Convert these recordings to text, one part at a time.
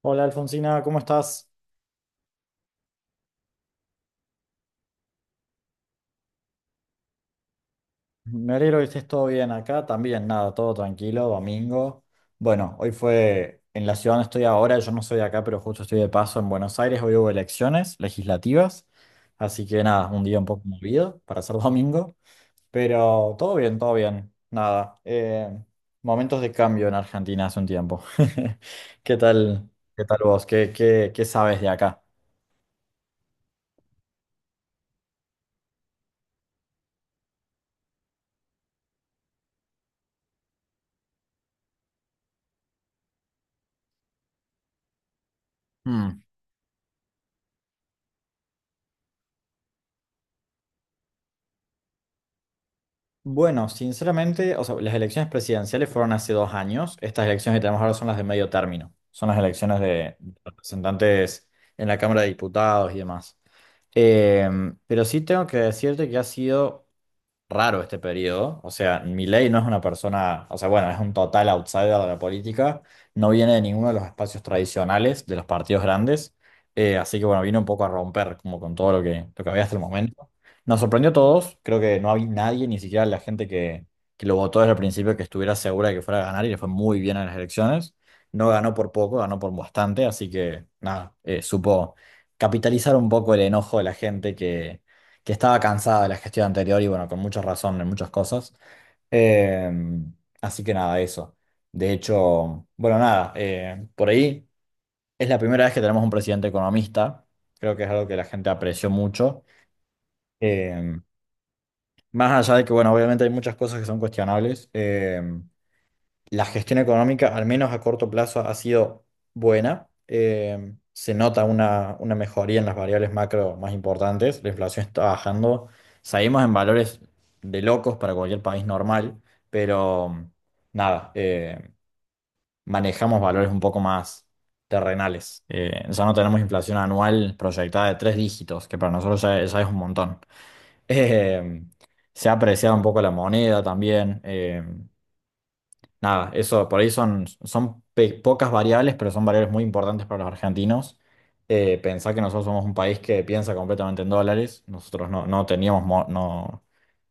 Hola Alfonsina, ¿cómo estás? Me alegro que estés todo bien acá, también nada, todo tranquilo, domingo. Bueno, hoy fue en la ciudad donde estoy ahora, yo no soy de acá, pero justo estoy de paso en Buenos Aires, hoy hubo elecciones legislativas, así que nada, un día un poco movido para ser domingo, pero todo bien, nada. Momentos de cambio en Argentina hace un tiempo. ¿Qué tal, qué tal vos? ¿Qué sabes de acá? Bueno, sinceramente, o sea, las elecciones presidenciales fueron hace 2 años. Estas elecciones que tenemos ahora son las de medio término. Son las elecciones de representantes en la Cámara de Diputados y demás. Eh, pero sí tengo que decirte que ha sido raro este periodo. O sea, Milei no es una persona, o sea, bueno, es un total outsider de la política, no viene de ninguno de los espacios tradicionales de los partidos grandes. Así que bueno, vino un poco a romper como con todo lo que había hasta el momento. Nos sorprendió a todos, creo que no había nadie, ni siquiera la gente que lo votó desde el principio, que estuviera segura de que fuera a ganar, y le fue muy bien en las elecciones. No ganó por poco, ganó por bastante, así que nada, supo capitalizar un poco el enojo de la gente que estaba cansada de la gestión anterior y bueno, con mucha razón en muchas cosas. Eh, Así que nada, eso. De hecho, bueno, nada, por ahí es la primera vez que tenemos un presidente economista. Creo que es algo que la gente apreció mucho. Eh, Más allá de que, bueno, obviamente hay muchas cosas que son cuestionables. La gestión económica, al menos a corto plazo, ha sido buena. Se nota una mejoría en las variables macro más importantes. La inflación está bajando. Salimos en valores de locos para cualquier país normal, pero nada, manejamos valores un poco más terrenales. Ya no tenemos inflación anual proyectada de tres dígitos, que para nosotros ya es un montón. Eh, Se ha apreciado un poco la moneda también. Nada, eso por ahí son, son pocas variables, pero son variables muy importantes para los argentinos. Pensá que nosotros somos un país que piensa completamente en dólares. Nosotros no teníamos,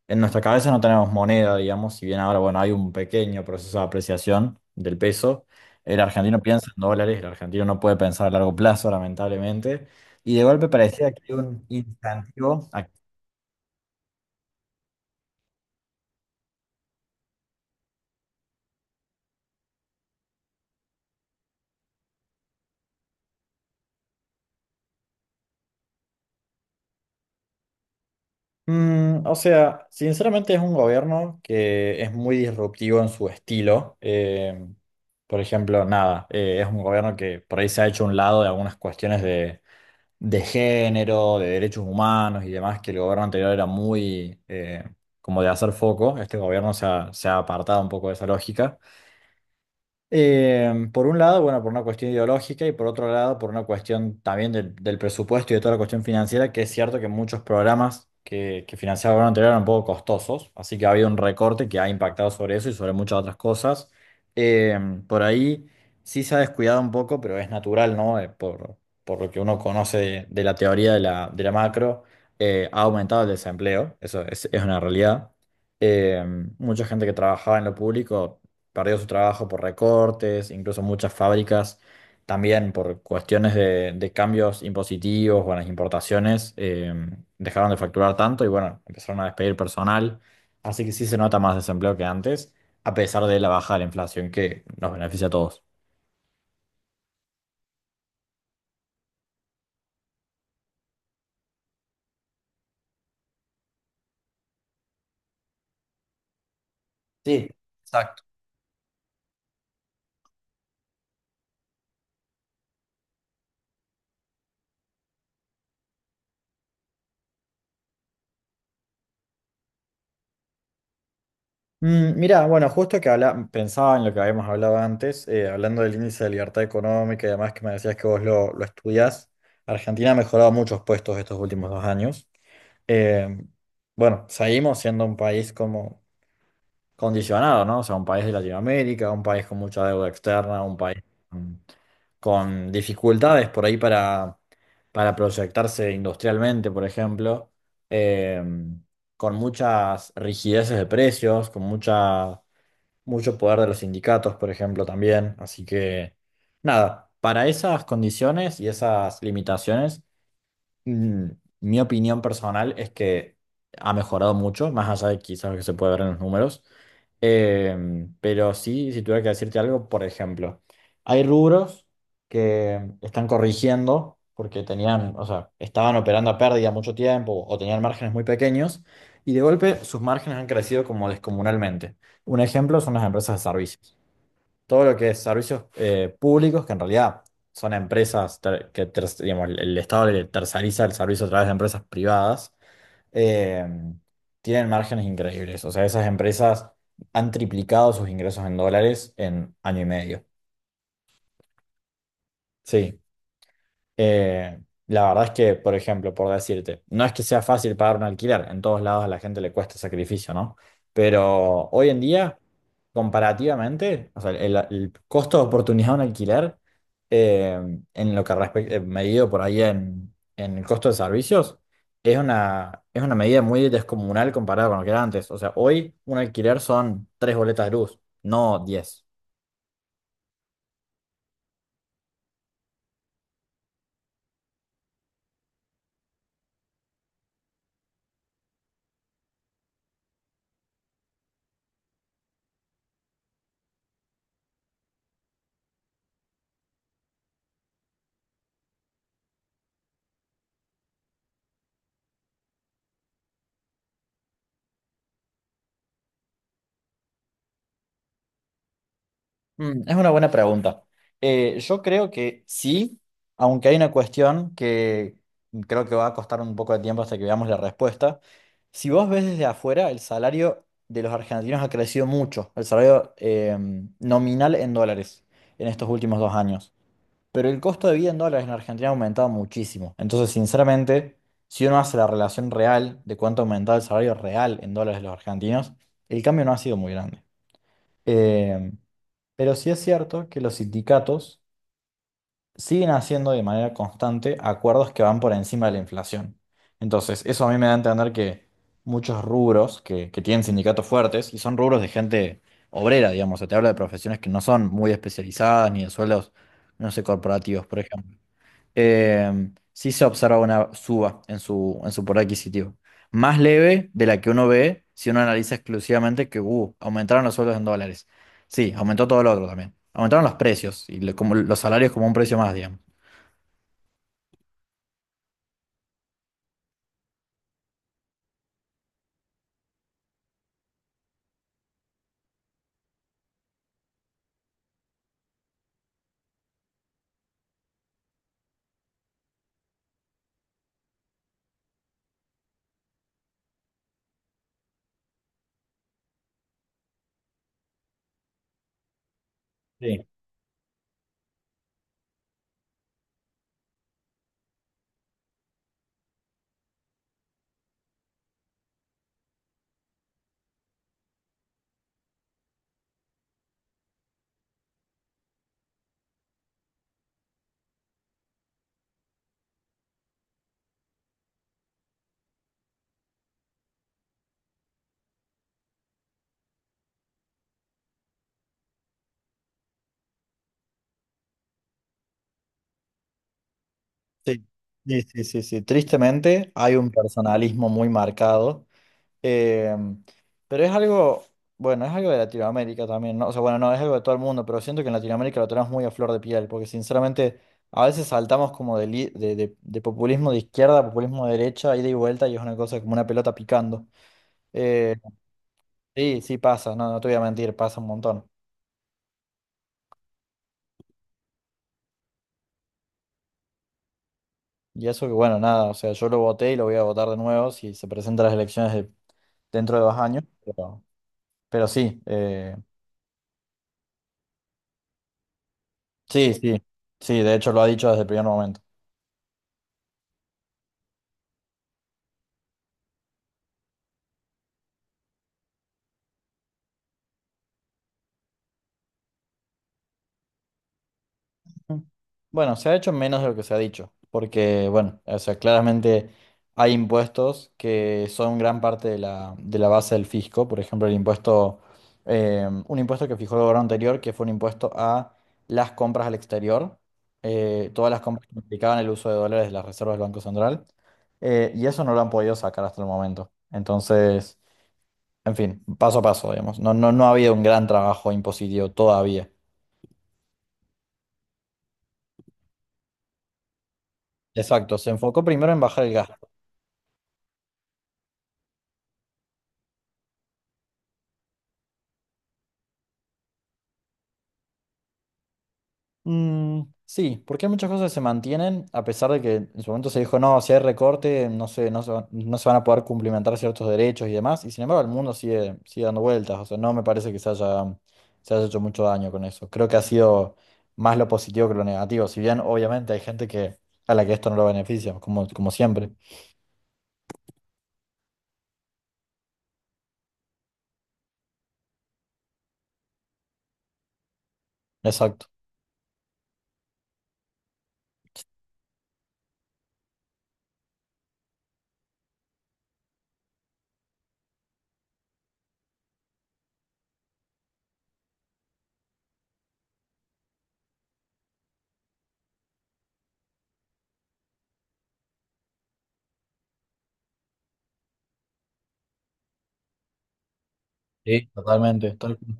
en nuestra cabeza no tenemos moneda, digamos, si bien ahora, bueno, hay un pequeño proceso de apreciación del peso. El argentino piensa en dólares, el argentino no puede pensar a largo plazo, lamentablemente. Y de golpe parecía que hay un incentivo. O sea, sinceramente es un gobierno que es muy disruptivo en su estilo. Por ejemplo, nada, es un gobierno que por ahí se ha hecho a un lado de algunas cuestiones de género, de derechos humanos y demás, que el gobierno anterior era muy, como de hacer foco. Este gobierno se ha apartado un poco de esa lógica. Por un lado, bueno, por una cuestión ideológica y por otro lado, por una cuestión también del, del presupuesto y de toda la cuestión financiera, que es cierto que muchos programas que financiaba el gobierno anterior eran un poco costosos, así que ha habido un recorte que ha impactado sobre eso y sobre muchas otras cosas. Eh, por ahí sí se ha descuidado un poco, pero es natural, ¿no? Por lo que uno conoce de la teoría de la macro, ha aumentado el desempleo, eso es una realidad. Eh, Mucha gente que trabajaba en lo público perdió su trabajo por recortes, incluso muchas fábricas también por cuestiones de cambios impositivos o en las importaciones, dejaron de facturar tanto y bueno, empezaron a despedir personal. Así que sí se nota más desempleo que antes, a pesar de la baja de la inflación que nos beneficia a todos. Sí, exacto. Mira, bueno, justo que habla, pensaba en lo que habíamos hablado antes, hablando del índice de libertad económica, y además que me decías que vos lo estudiás. Argentina ha mejorado muchos puestos estos últimos 2 años. Eh, bueno, seguimos siendo un país como condicionado, ¿no? O sea, un país de Latinoamérica, un país con mucha deuda externa, un país con, con dificultades por ahí para proyectarse industrialmente, por ejemplo, eh, con muchas rigideces de precios, con mucha, mucho poder de los sindicatos, por ejemplo, también. Así que, nada, para esas condiciones y esas limitaciones. Mm, Mi opinión personal es que ha mejorado mucho, más allá de quizás lo que se puede ver en los números. Pero sí, si tuviera que decirte algo, por ejemplo, hay rubros que están corrigiendo porque tenían, o sea, estaban operando a pérdida mucho tiempo, o tenían márgenes muy pequeños y de golpe sus márgenes han crecido como descomunalmente. Un ejemplo son las empresas de servicios, todo lo que es servicios públicos, que en realidad son empresas digamos, el Estado le terceriza el servicio a través de empresas privadas, eh, tienen márgenes increíbles. O sea, esas empresas han triplicado sus ingresos en dólares en año y medio. Sí. Eh, la verdad es que, por ejemplo, por decirte, no es que sea fácil pagar un alquiler, en todos lados a la gente le cuesta sacrificio, ¿no? Pero hoy en día, comparativamente, o sea, el costo de oportunidad de un alquiler, eh, en lo que respecta, medido por ahí en el costo de servicios, es una medida muy descomunal comparada con lo que era antes. O sea, hoy un alquiler son tres boletas de luz, no 10. Es una buena pregunta. Yo creo que sí, aunque hay una cuestión que creo que va a costar un poco de tiempo hasta que veamos la respuesta. Si vos ves desde afuera, el salario de los argentinos ha crecido mucho, el salario nominal en dólares en estos últimos 2 años. Pero el costo de vida en dólares en Argentina ha aumentado muchísimo. Entonces, sinceramente, si uno hace la relación real de cuánto ha aumentado el salario real en dólares de los argentinos, el cambio no ha sido muy grande. Eh, pero sí es cierto que los sindicatos siguen haciendo de manera constante acuerdos que van por encima de la inflación. Entonces, eso a mí me da a entender que muchos rubros que tienen sindicatos fuertes, y son rubros de gente obrera, digamos, se te habla de profesiones que no son muy especializadas ni de sueldos, no sé, corporativos, por ejemplo, eh, sí se observa una suba en su poder adquisitivo. Más leve de la que uno ve si uno analiza exclusivamente que aumentaron los sueldos en dólares. Sí, aumentó todo lo otro también. Aumentaron los precios y lo- como, los salarios como un precio más, digamos. Sí, sí, sí, sí, sí. Sí. Tristemente hay un personalismo muy marcado. Eh, pero es algo, bueno, es algo de Latinoamérica también, ¿no? O sea, bueno, no, es algo de todo el mundo, pero siento que en Latinoamérica lo tenemos muy a flor de piel, porque sinceramente a veces saltamos como de populismo de izquierda a populismo de derecha, ida y vuelta, y es una cosa como una pelota picando. Eh, sí, sí pasa, no, no te voy a mentir, pasa un montón. Y eso que, bueno, nada, o sea, yo lo voté y lo voy a votar de nuevo si se presentan las elecciones dentro de 2 años, pero sí, sí, sí, sí, de hecho lo ha dicho desde el primer momento. Mm. Bueno, se ha hecho menos de lo que se ha dicho, porque, bueno, o sea, claramente hay impuestos que son gran parte de de la base del fisco, por ejemplo, el impuesto, un impuesto que fijó el gobierno anterior, que fue un impuesto a las compras al exterior, todas las compras que implicaban el uso de dólares de las reservas del Banco Central, y eso no lo han podido sacar hasta el momento. Entonces, en fin, paso a paso, digamos, no ha habido un gran trabajo impositivo todavía. Exacto, se enfocó primero en bajar el gasto. Sí, porque muchas cosas que se mantienen, a pesar de que en su momento se dijo, no, si hay recorte, no sé, no se van a poder cumplimentar ciertos derechos y demás, y sin embargo el mundo sigue dando vueltas, o sea, no me parece que se haya hecho mucho daño con eso. Creo que ha sido más lo positivo que lo negativo, si bien obviamente hay gente que, a la que esto no lo beneficia, como, como siempre. Exacto. Sí, totalmente. Tal cual.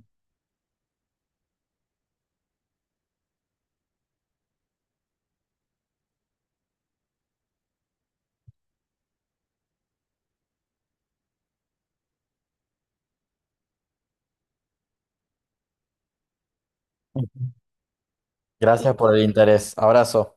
Gracias por el interés. Abrazo.